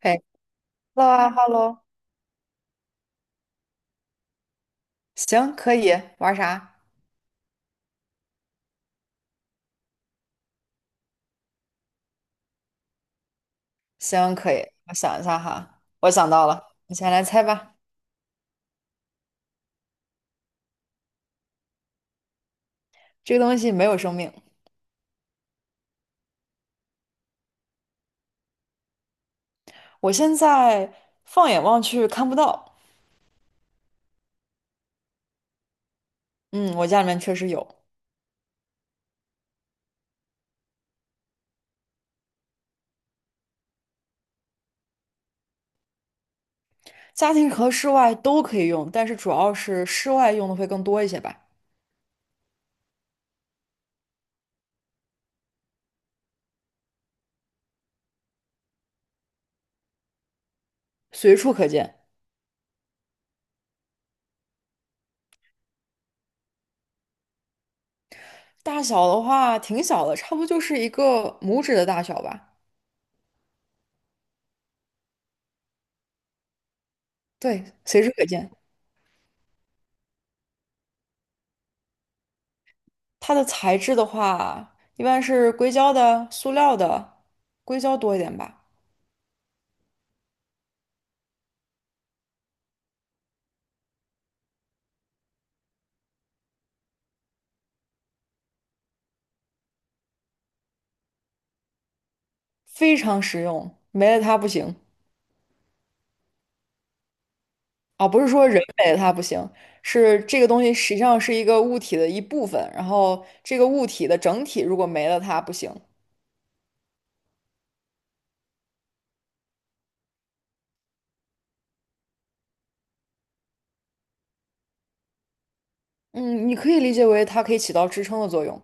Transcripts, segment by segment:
嘿，hello hello 行，可以玩啥？行，可以。我想一下哈，我想到了，你先来猜吧。这个东西没有生命，我现在放眼望去看不到。嗯，我家里面确实有，家庭和室外都可以用，但是主要是室外用的会更多一些吧，随处可见。大小的话挺小的，差不多就是一个拇指的大小吧。对，随处可见。它的材质的话，一般是硅胶的、塑料的，硅胶多一点吧。非常实用，没了它不行啊！不是说人没了它不行，是这个东西实际上是一个物体的一部分，然后这个物体的整体如果没了它不行。嗯，你可以理解为它可以起到支撑的作用。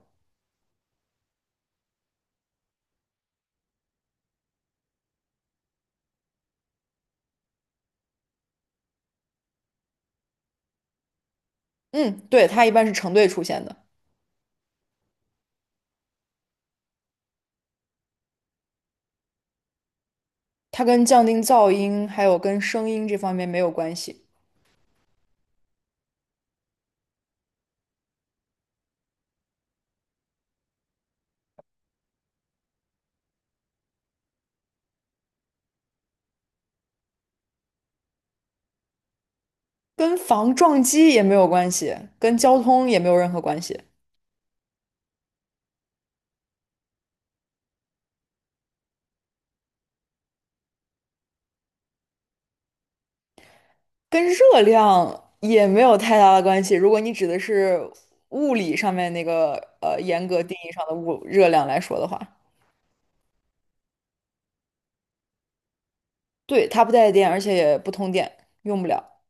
嗯，对，它一般是成对出现的，它跟降低噪音还有跟声音这方面没有关系，跟防撞击也没有关系，跟交通也没有任何关系。跟热量也没有太大的关系。如果你指的是物理上面那个严格定义上的物热量来说的话，对，它不带电，而且也不通电，用不了。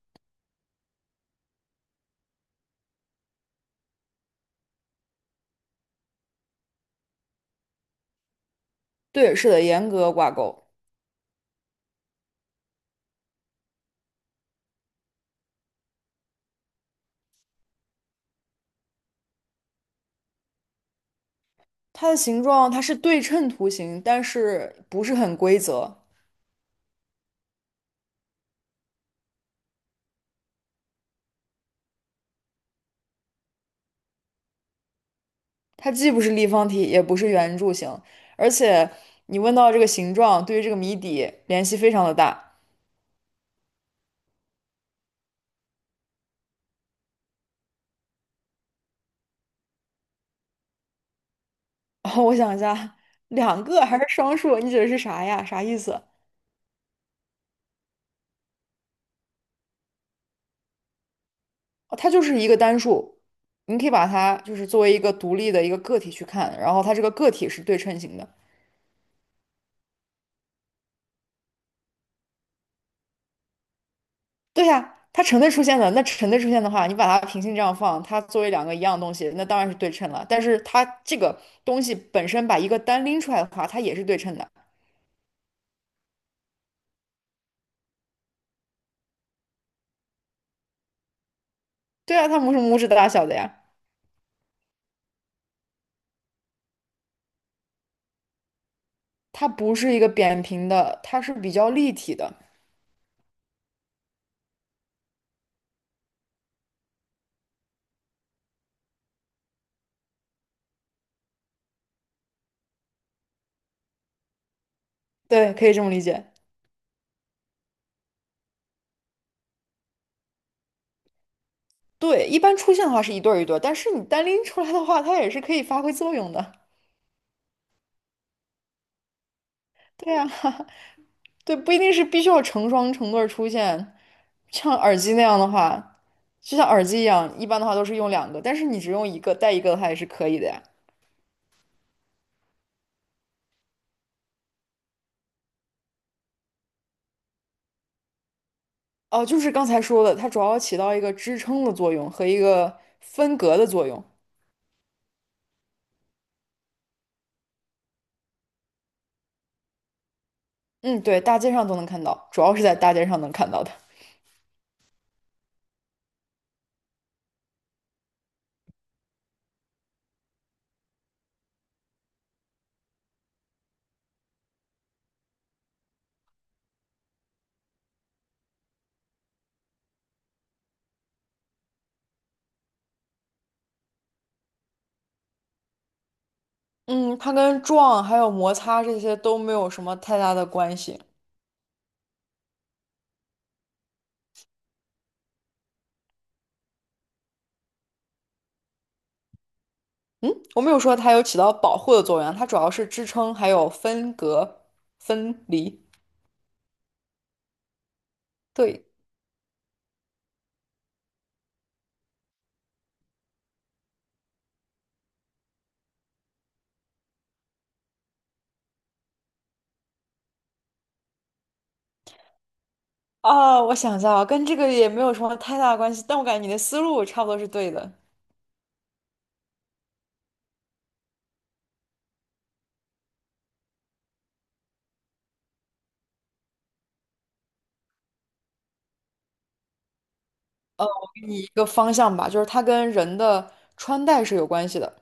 对，是的，严格挂钩。它的形状它是对称图形，但是不是很规则。它既不是立方体，也不是圆柱形，而且你问到这个形状，对于这个谜底联系非常的大。我想一下，两个还是双数？你指的是啥呀？啥意思？哦，它就是一个单数，你可以把它就是作为一个独立的一个个体去看，然后它这个个体是对称型的。对呀，它成对出现的，那成对出现的话，你把它平行这样放，它作为两个一样的东西，那当然是对称了。但是它这个东西本身把一个单拎出来的话，它也是对称的。对啊，它拇指大小的呀，它不是一个扁平的，它是比较立体的。对，可以这么理解。对，一般出现的话是一对儿一对儿，但是你单拎出来的话，它也是可以发挥作用的。对啊。对，不一定是必须要成双成对儿出现。像耳机那样的话，就像耳机一样，一般的话都是用两个，但是你只用一个，带一个的话也是可以的呀。哦，就是刚才说的，它主要起到一个支撑的作用和一个分隔的作用。嗯，对，大街上都能看到，主要是在大街上能看到的。嗯，它跟撞还有摩擦这些都没有什么太大的关系。我没有说它有起到保护的作用啊它主要是支撑还有分隔、分离。对。哦，我想一下啊，跟这个也没有什么太大的关系，但我感觉你的思路差不多是对的，给你一个方向吧，就是它跟人的穿戴是有关系的。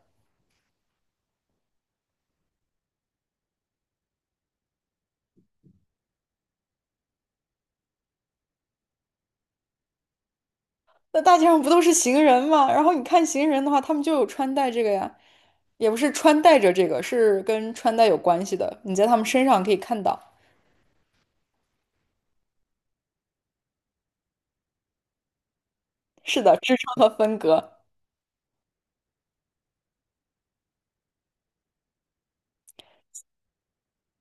那大街上不都是行人吗？然后你看行人的话，他们就有穿戴这个呀，也不是穿戴着这个，是跟穿戴有关系的。你在他们身上可以看到，是的，支撑和分隔。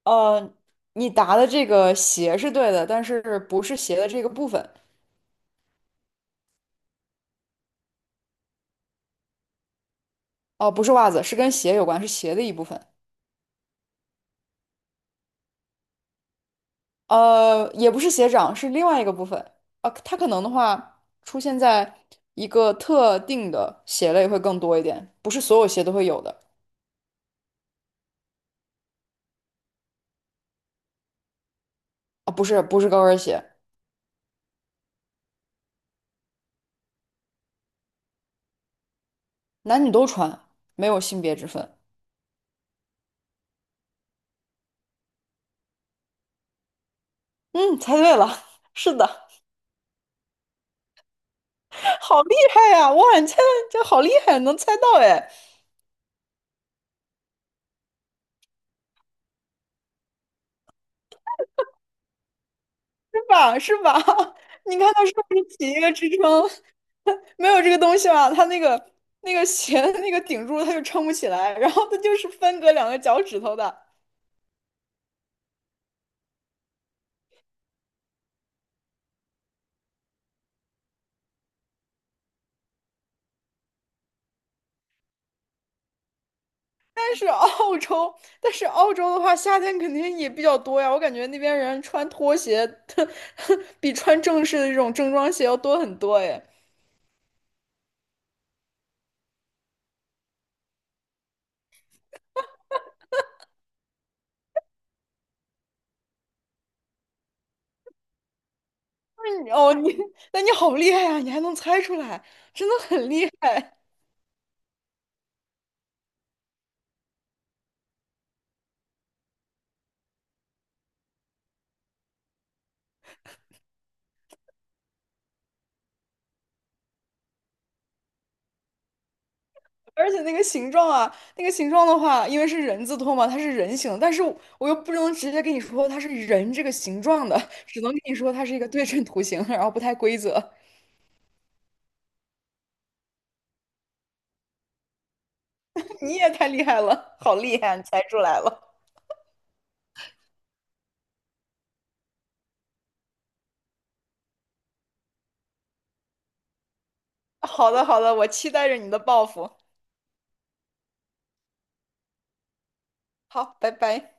呃，你答的这个鞋是对的，但是不是鞋的这个部分，哦、不是袜子，是跟鞋有关，是鞋的一部分。也不是鞋掌，是另外一个部分。啊。它可能的话出现在一个特定的鞋类会更多一点，不是所有鞋都会有的。啊，不是，不是高跟鞋，男女都穿，没有性别之分。嗯，猜对了，是的，好厉害呀！哇，你猜的这好厉害，能猜到哎，是吧？是吧？你看它是不是起一个支撑？没有这个东西嘛，它那个鞋的那个顶住，它就撑不起来，然后它就是分隔两个脚趾头的。但是澳洲，但是澳洲的话，夏天肯定也比较多呀。我感觉那边人穿拖鞋，比穿正式的这种正装鞋要多很多哎。嗯哦，那你好厉害呀！你还能猜出来，真的很厉害。而且那个形状啊，那个形状的话，因为是人字拖嘛，它是人形，但是我又不能直接跟你说它是人这个形状的，只能跟你说它是一个对称图形，然后不太规则。你也太厉害了，好厉害啊，你猜出来了。好的，好的，我期待着你的报复。好，拜拜。